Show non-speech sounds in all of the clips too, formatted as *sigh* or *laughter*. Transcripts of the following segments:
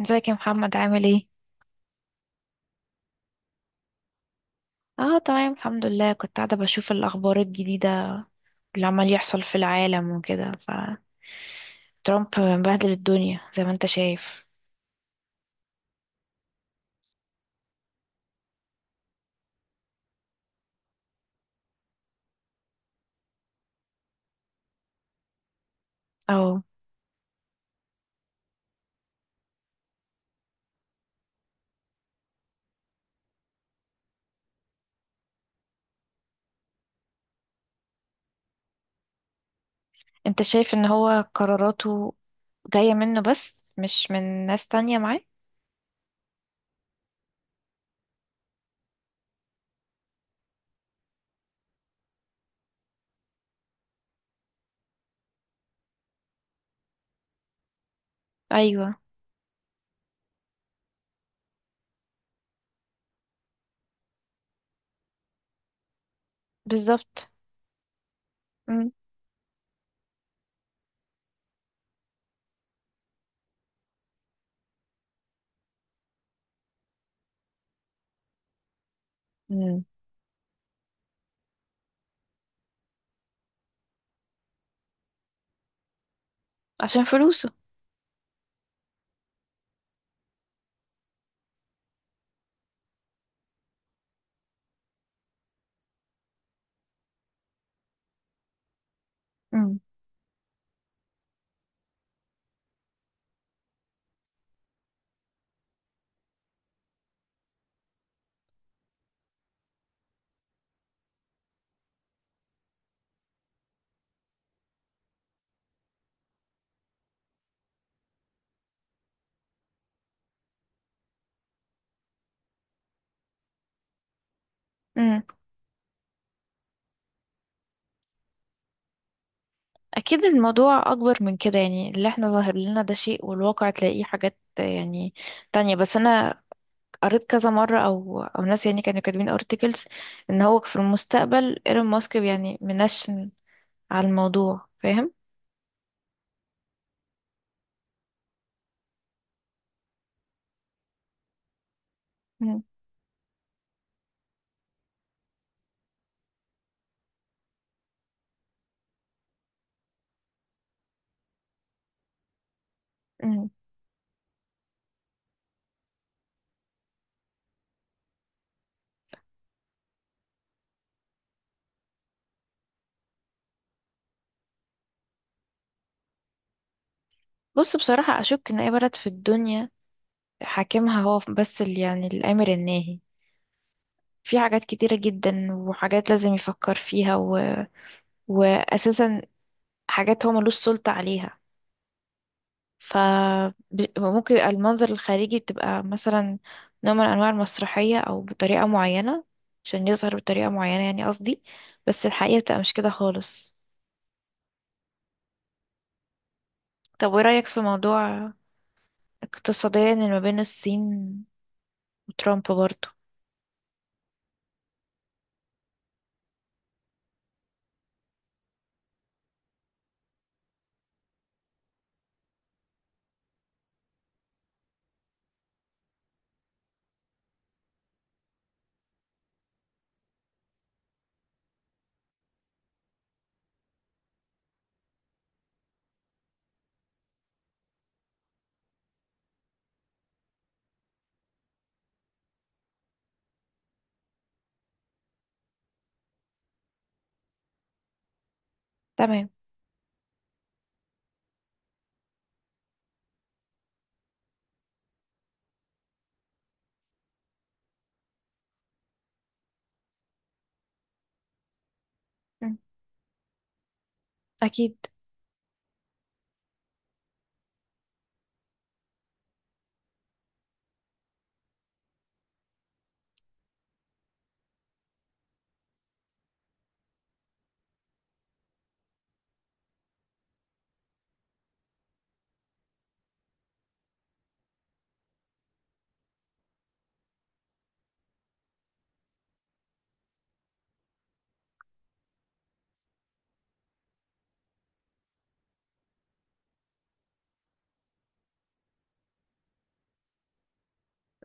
ازيك يا محمد، عامل ايه؟ اه تمام الحمد لله، كنت قاعدة بشوف الأخبار الجديدة اللي عمال يحصل في العالم وكده. ف ترامب مبهدل الدنيا زي ما انت شايف. او. انت شايف ان هو قراراته جاية منه بس مش من ناس تانية معاه؟ ايوه. بالظبط. مم. مم. عشان فلوسه. مم. مم. اكيد الموضوع اكبر من كده، يعني اللي احنا ظاهر لنا ده شيء والواقع تلاقيه حاجات يعني تانية. بس انا قريت كذا مرة، أو ناس يعني كانوا كاتبين articles إن هو في المستقبل إيلون ماسك يعني منشن على الموضوع، فاهم؟ مم. مم. بص، بصراحة أشك إن أي بلد في الدنيا حاكمها هو بس اللي يعني الآمر الناهي في حاجات كتيرة جدا، وحاجات لازم يفكر فيها وأساسا حاجات هو ملوش سلطة عليها. فممكن يبقى المنظر الخارجي بتبقى مثلا نوع من أنواع المسرحية، أو بطريقة معينة عشان يظهر بطريقة معينة، يعني قصدي بس الحقيقة بتبقى مش كده خالص. طب وإيه رأيك في موضوع اقتصاديا اللي ما بين الصين وترامب برضه؟ تمام. مم. أكيد.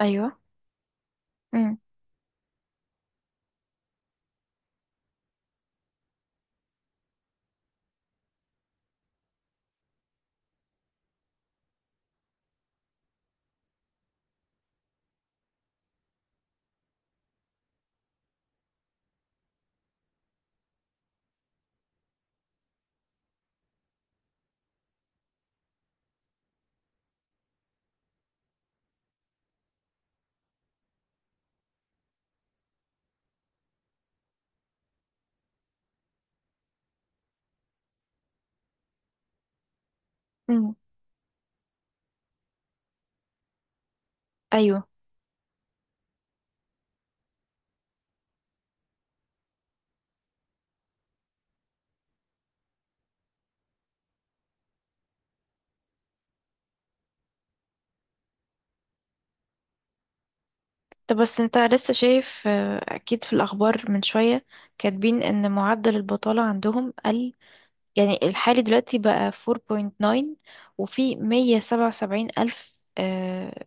أيوه. مم. مم. أيوه. طب بس انت لسه شايف، أكيد في الأخبار من شوية كاتبين إن معدل البطالة عندهم قل، يعني الحالي دلوقتي بقى 4.9، وفي 177 ألف،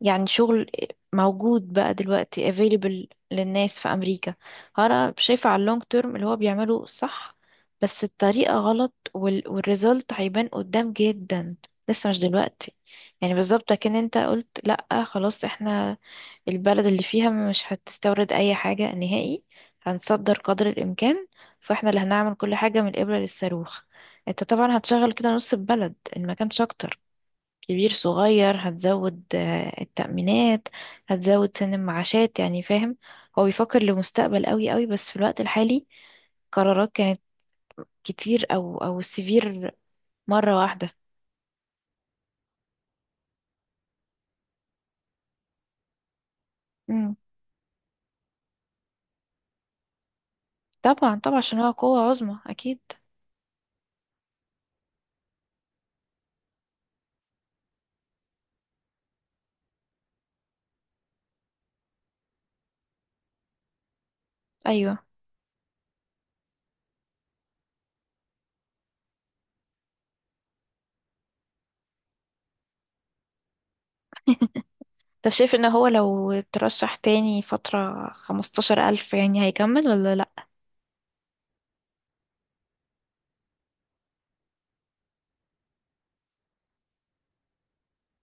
يعني شغل موجود بقى دلوقتي available للناس في أمريكا. أنا شايفة على اللونج تيرم اللي هو بيعمله صح، بس الطريقة غلط، وال والريزلت هيبان قدام جدا، لسه مش دلوقتي. يعني بالظبط كأن انت قلت لأ خلاص، احنا البلد اللي فيها مش هتستورد اي حاجة نهائي، هنصدر قدر الامكان، فاحنا اللي هنعمل كل حاجة من الابرة للصاروخ. انت طبعا هتشغل كده نص البلد ان ما كانش اكتر، كبير صغير، هتزود التأمينات، هتزود سن المعاشات، يعني فاهم. هو بيفكر لمستقبل قوي قوي، بس في الوقت الحالي قرارات كانت كتير او سيفير مرة واحدة. مم. طبعا طبعا، عشان هو قوة عظمى اكيد. ايوه. طب شايف ان هو لو اترشح تاني فترة 15 ألف، يعني هيكمل ولا لأ؟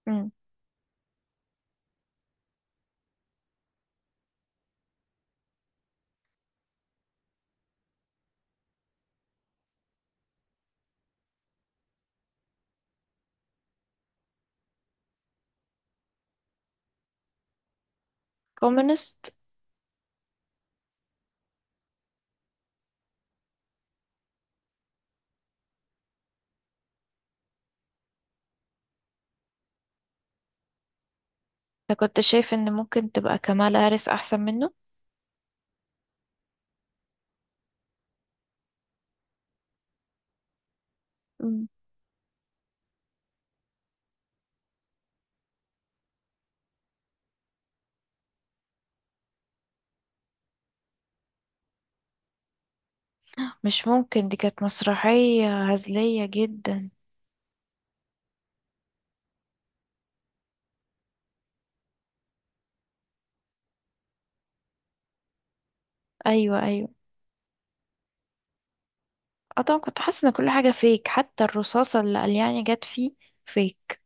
مم. كومونست. كنت شايف ان ممكن تبقى كمالا هاريس احسن منه؟ مم. مش ممكن، دي كانت مسرحية هزلية جدا. ايوه ايوه. اه طبعا كنت حاسة ان كل حاجة فيك، حتى الرصاصة اللي قلياني جت فيه فيك.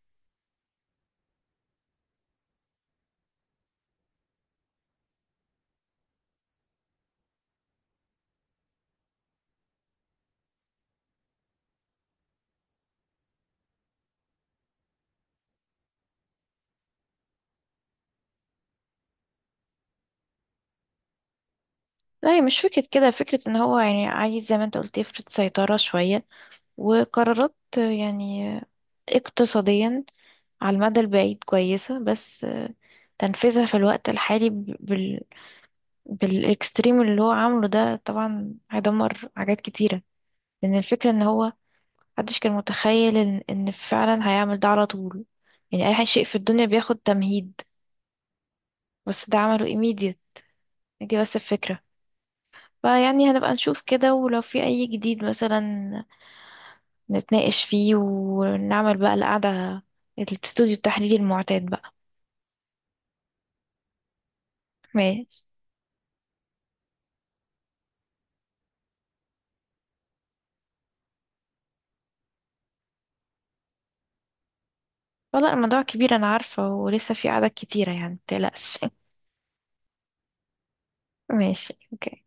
لا، هي مش فكرة كده، فكرة ان هو يعني عايز زي ما انت قلت يفرض سيطرة شوية، وقرارات يعني اقتصاديا على المدى البعيد كويسة، بس تنفيذها في الوقت الحالي بالاكستريم اللي هو عامله ده طبعا هيدمر حاجات كتيرة. لأن الفكرة ان هو محدش كان متخيل إن فعلا هيعمل ده على طول. يعني أي شيء في الدنيا بياخد تمهيد، بس ده عمله immediate. دي بس الفكرة. فيعني هنبقى نشوف كده، ولو في أي جديد مثلا نتناقش فيه ونعمل بقى القعدة، الاستوديو التحليلي المعتاد بقى. ماشي. والله الموضوع كبير، أنا عارفة ولسه في قعدات كتيرة يعني، متقلقش *laughs* ماشي، اوكي.